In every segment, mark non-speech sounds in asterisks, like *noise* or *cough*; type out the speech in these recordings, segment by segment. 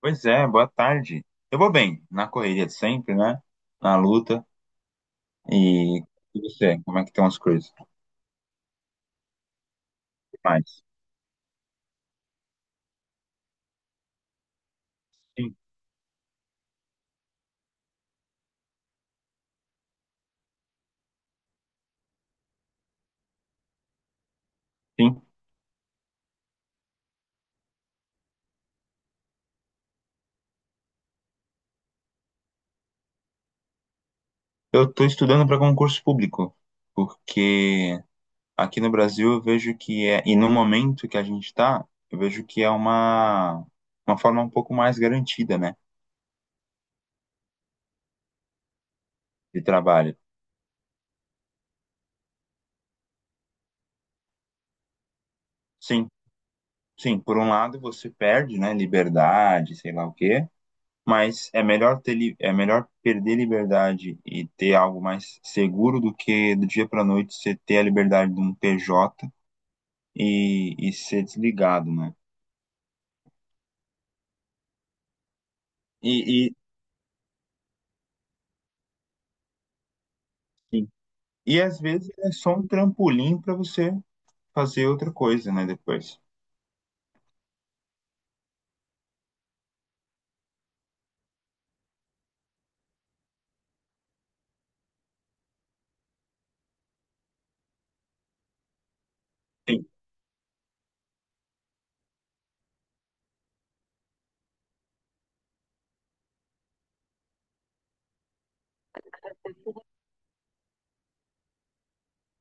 Pois é, boa tarde. Eu vou bem, na correria de sempre, né? Na luta. E e você, como é que estão as coisas? O que mais? Sim, sim. Eu tô estudando para concurso público, porque aqui no Brasil eu vejo que é, e no momento que a gente está, eu vejo que é uma forma um pouco mais garantida, né, de trabalho. Sim, sim. Por um lado você perde, né, liberdade, sei lá o quê. Mas é melhor perder liberdade e ter algo mais seguro do que do dia para noite você ter a liberdade de um PJ e ser desligado, né? E, e, e, e às vezes é só um trampolim para você fazer outra coisa, né, depois. Sim.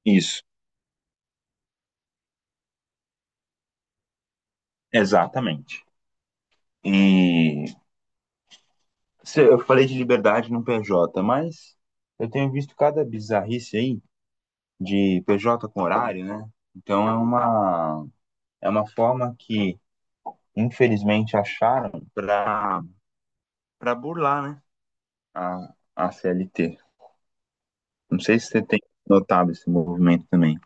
Isso, exatamente. E eu falei de liberdade no PJ, mas eu tenho visto cada bizarrice aí de PJ com horário, né? Então é uma forma que infelizmente acharam para burlar, né? A CLT. Não sei se você tem notado esse movimento também.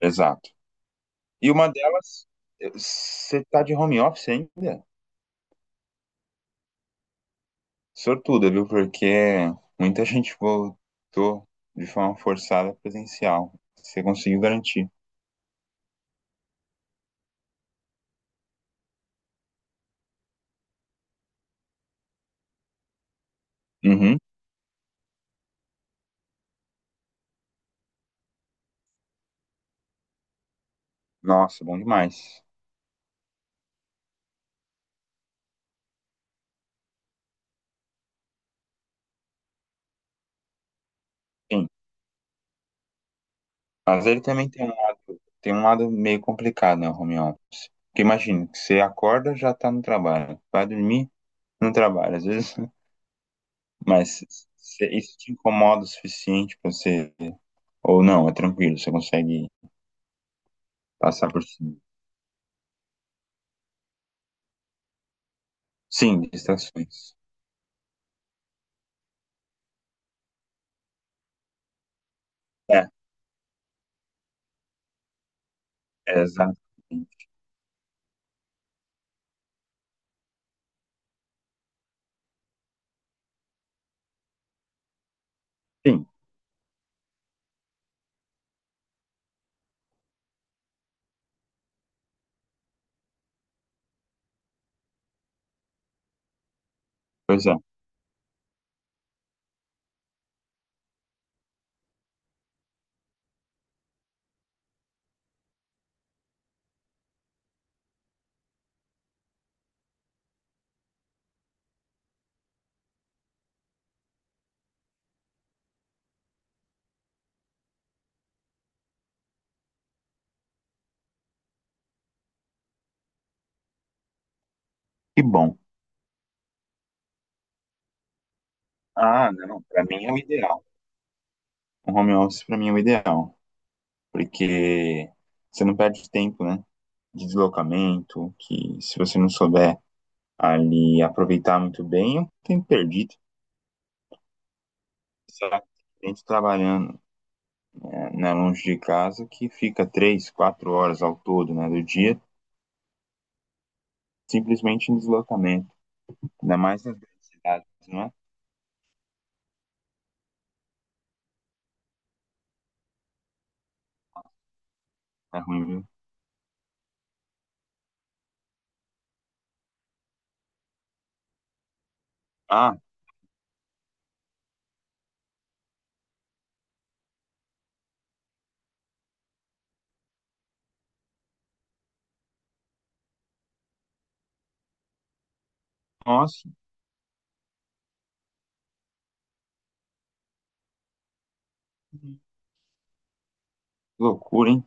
Exato. E uma delas, você tá de home office ainda? Sortuda, viu? Porque muita gente voltou de forma forçada presencial. Você conseguiu garantir. Uhum. Nossa, bom demais. Sim. Mas ele também tem um lado meio complicado, né, o home office. Porque imagina, você acorda, já tá no trabalho. Vai dormir, no trabalho. Às vezes. Mas se isso te incomoda o suficiente pra você. Ou não, é tranquilo, você consegue passar por cima. Sim, distrações. É, é, exatamente. Sim, pois é. Que bom. Ah, não, pra mim é o ideal. Um home office pra mim é o ideal. Porque você não perde tempo, né? De deslocamento, que se você não souber ali aproveitar muito bem, é um tempo perdido. Sabe? A gente trabalhando, né, na longe de casa que fica 3, 4 horas ao todo, né, do dia, simplesmente em deslocamento. Ainda mais nas grandes cidades, não é? É ruim, viu? Ah, nossa, que loucura, hein?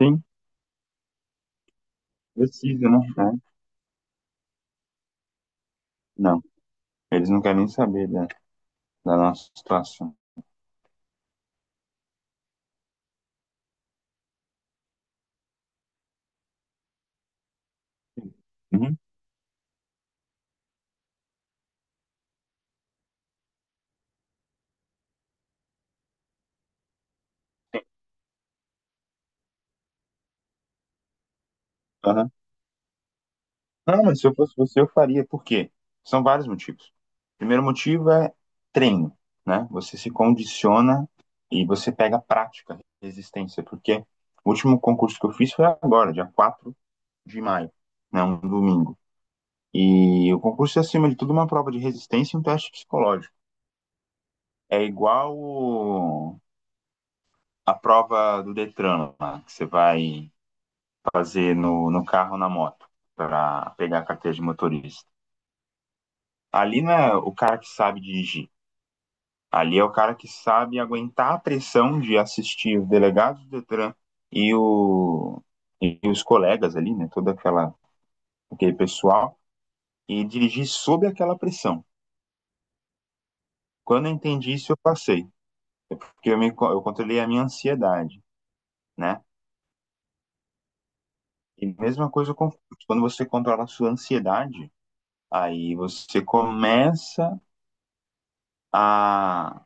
Sim, precisa, né? É, não, eles não querem nem saber da nossa situação. Uhum, aham. Não, mas se eu fosse você, eu faria. Por quê? São vários motivos. Primeiro motivo é treino, né? Você se condiciona e você pega prática, resistência, porque o último concurso que eu fiz foi agora, dia 4 de maio, né? Um domingo. E o concurso é, acima de tudo, uma prova de resistência e um teste psicológico. É igual a prova do Detran, lá, que você vai fazer no carro ou na moto, para pegar a carteira de motorista. Ali não é o cara que sabe dirigir. Ali é o cara que sabe aguentar a pressão de assistir os delegados do Detran e, o, e os colegas ali, né? Aquele pessoal, e dirigir sob aquela pressão. Quando eu entendi isso, eu passei. É porque eu controlei a minha ansiedade, né? E mesma coisa com quando você controla a sua ansiedade, aí você começa a,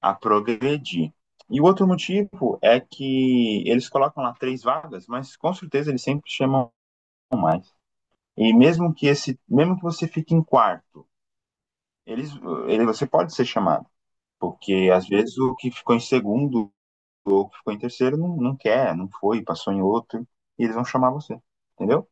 a progredir. E o outro motivo é que eles colocam lá três vagas, mas com certeza eles sempre chamam mais. E mesmo que você fique em quarto, eles, você pode ser chamado, porque às vezes o que ficou em segundo ou o que ficou em terceiro não, não quer, não foi, passou em outro, e eles vão chamar você, entendeu?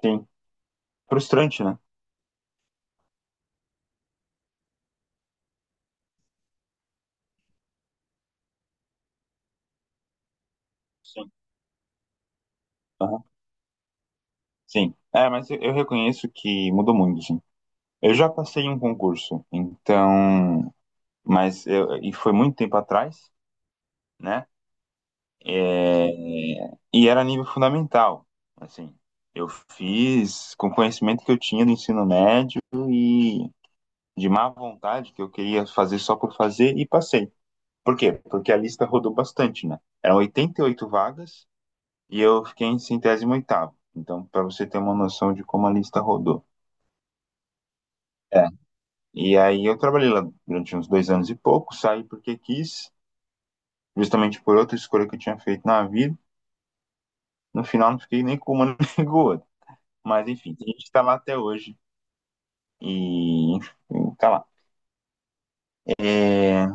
Sim. Frustrante, né? Sim. Aham. Sim. É, mas eu reconheço que mudou muito, sim. Eu já passei em um concurso, então, e foi muito tempo atrás, né? É, e era nível fundamental, assim. Eu fiz com o conhecimento que eu tinha do ensino médio e de má vontade que eu queria fazer só por fazer e passei. Por quê? Porque a lista rodou bastante, né? Eram 88 vagas. E eu fiquei em 108º. Então, para você ter uma noção de como a lista rodou. É. E aí eu trabalhei lá durante uns 2 anos e pouco, saí porque quis, justamente por outra escolha que eu tinha feito na vida. No final não fiquei nem com uma *laughs* nem com outra. Mas enfim, a gente tá lá até hoje. E enfim, tá lá. É,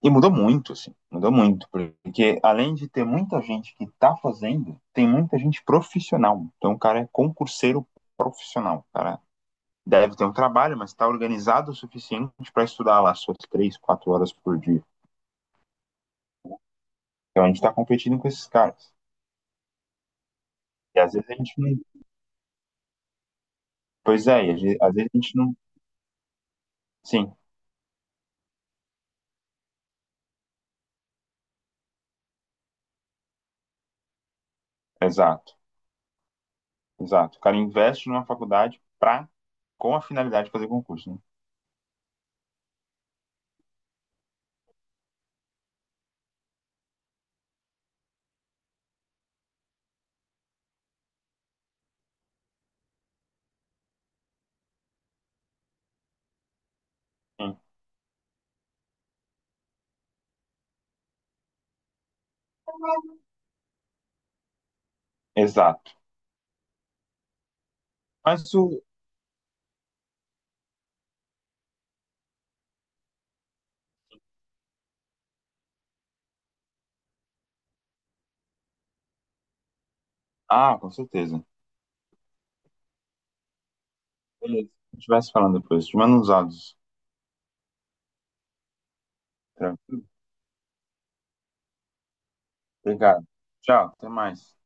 e mudou muito, assim, mudou muito. Porque além de ter muita gente que tá fazendo, tem muita gente profissional. Então o cara é concurseiro profissional. O cara deve ter um trabalho, mas está organizado o suficiente para estudar lá suas 3, 4 horas por dia. Então a gente está competindo com esses caras. E às vezes a gente não. Pois é, e às vezes a gente não. Sim, exato, exato. O cara investe numa faculdade pra, com a finalidade de fazer concurso, né? Sim, exato. Mas o. Ah, com certeza. Beleza. A gente vai se falando depois. Te mando uns áudios. Obrigado. Tchau, até mais.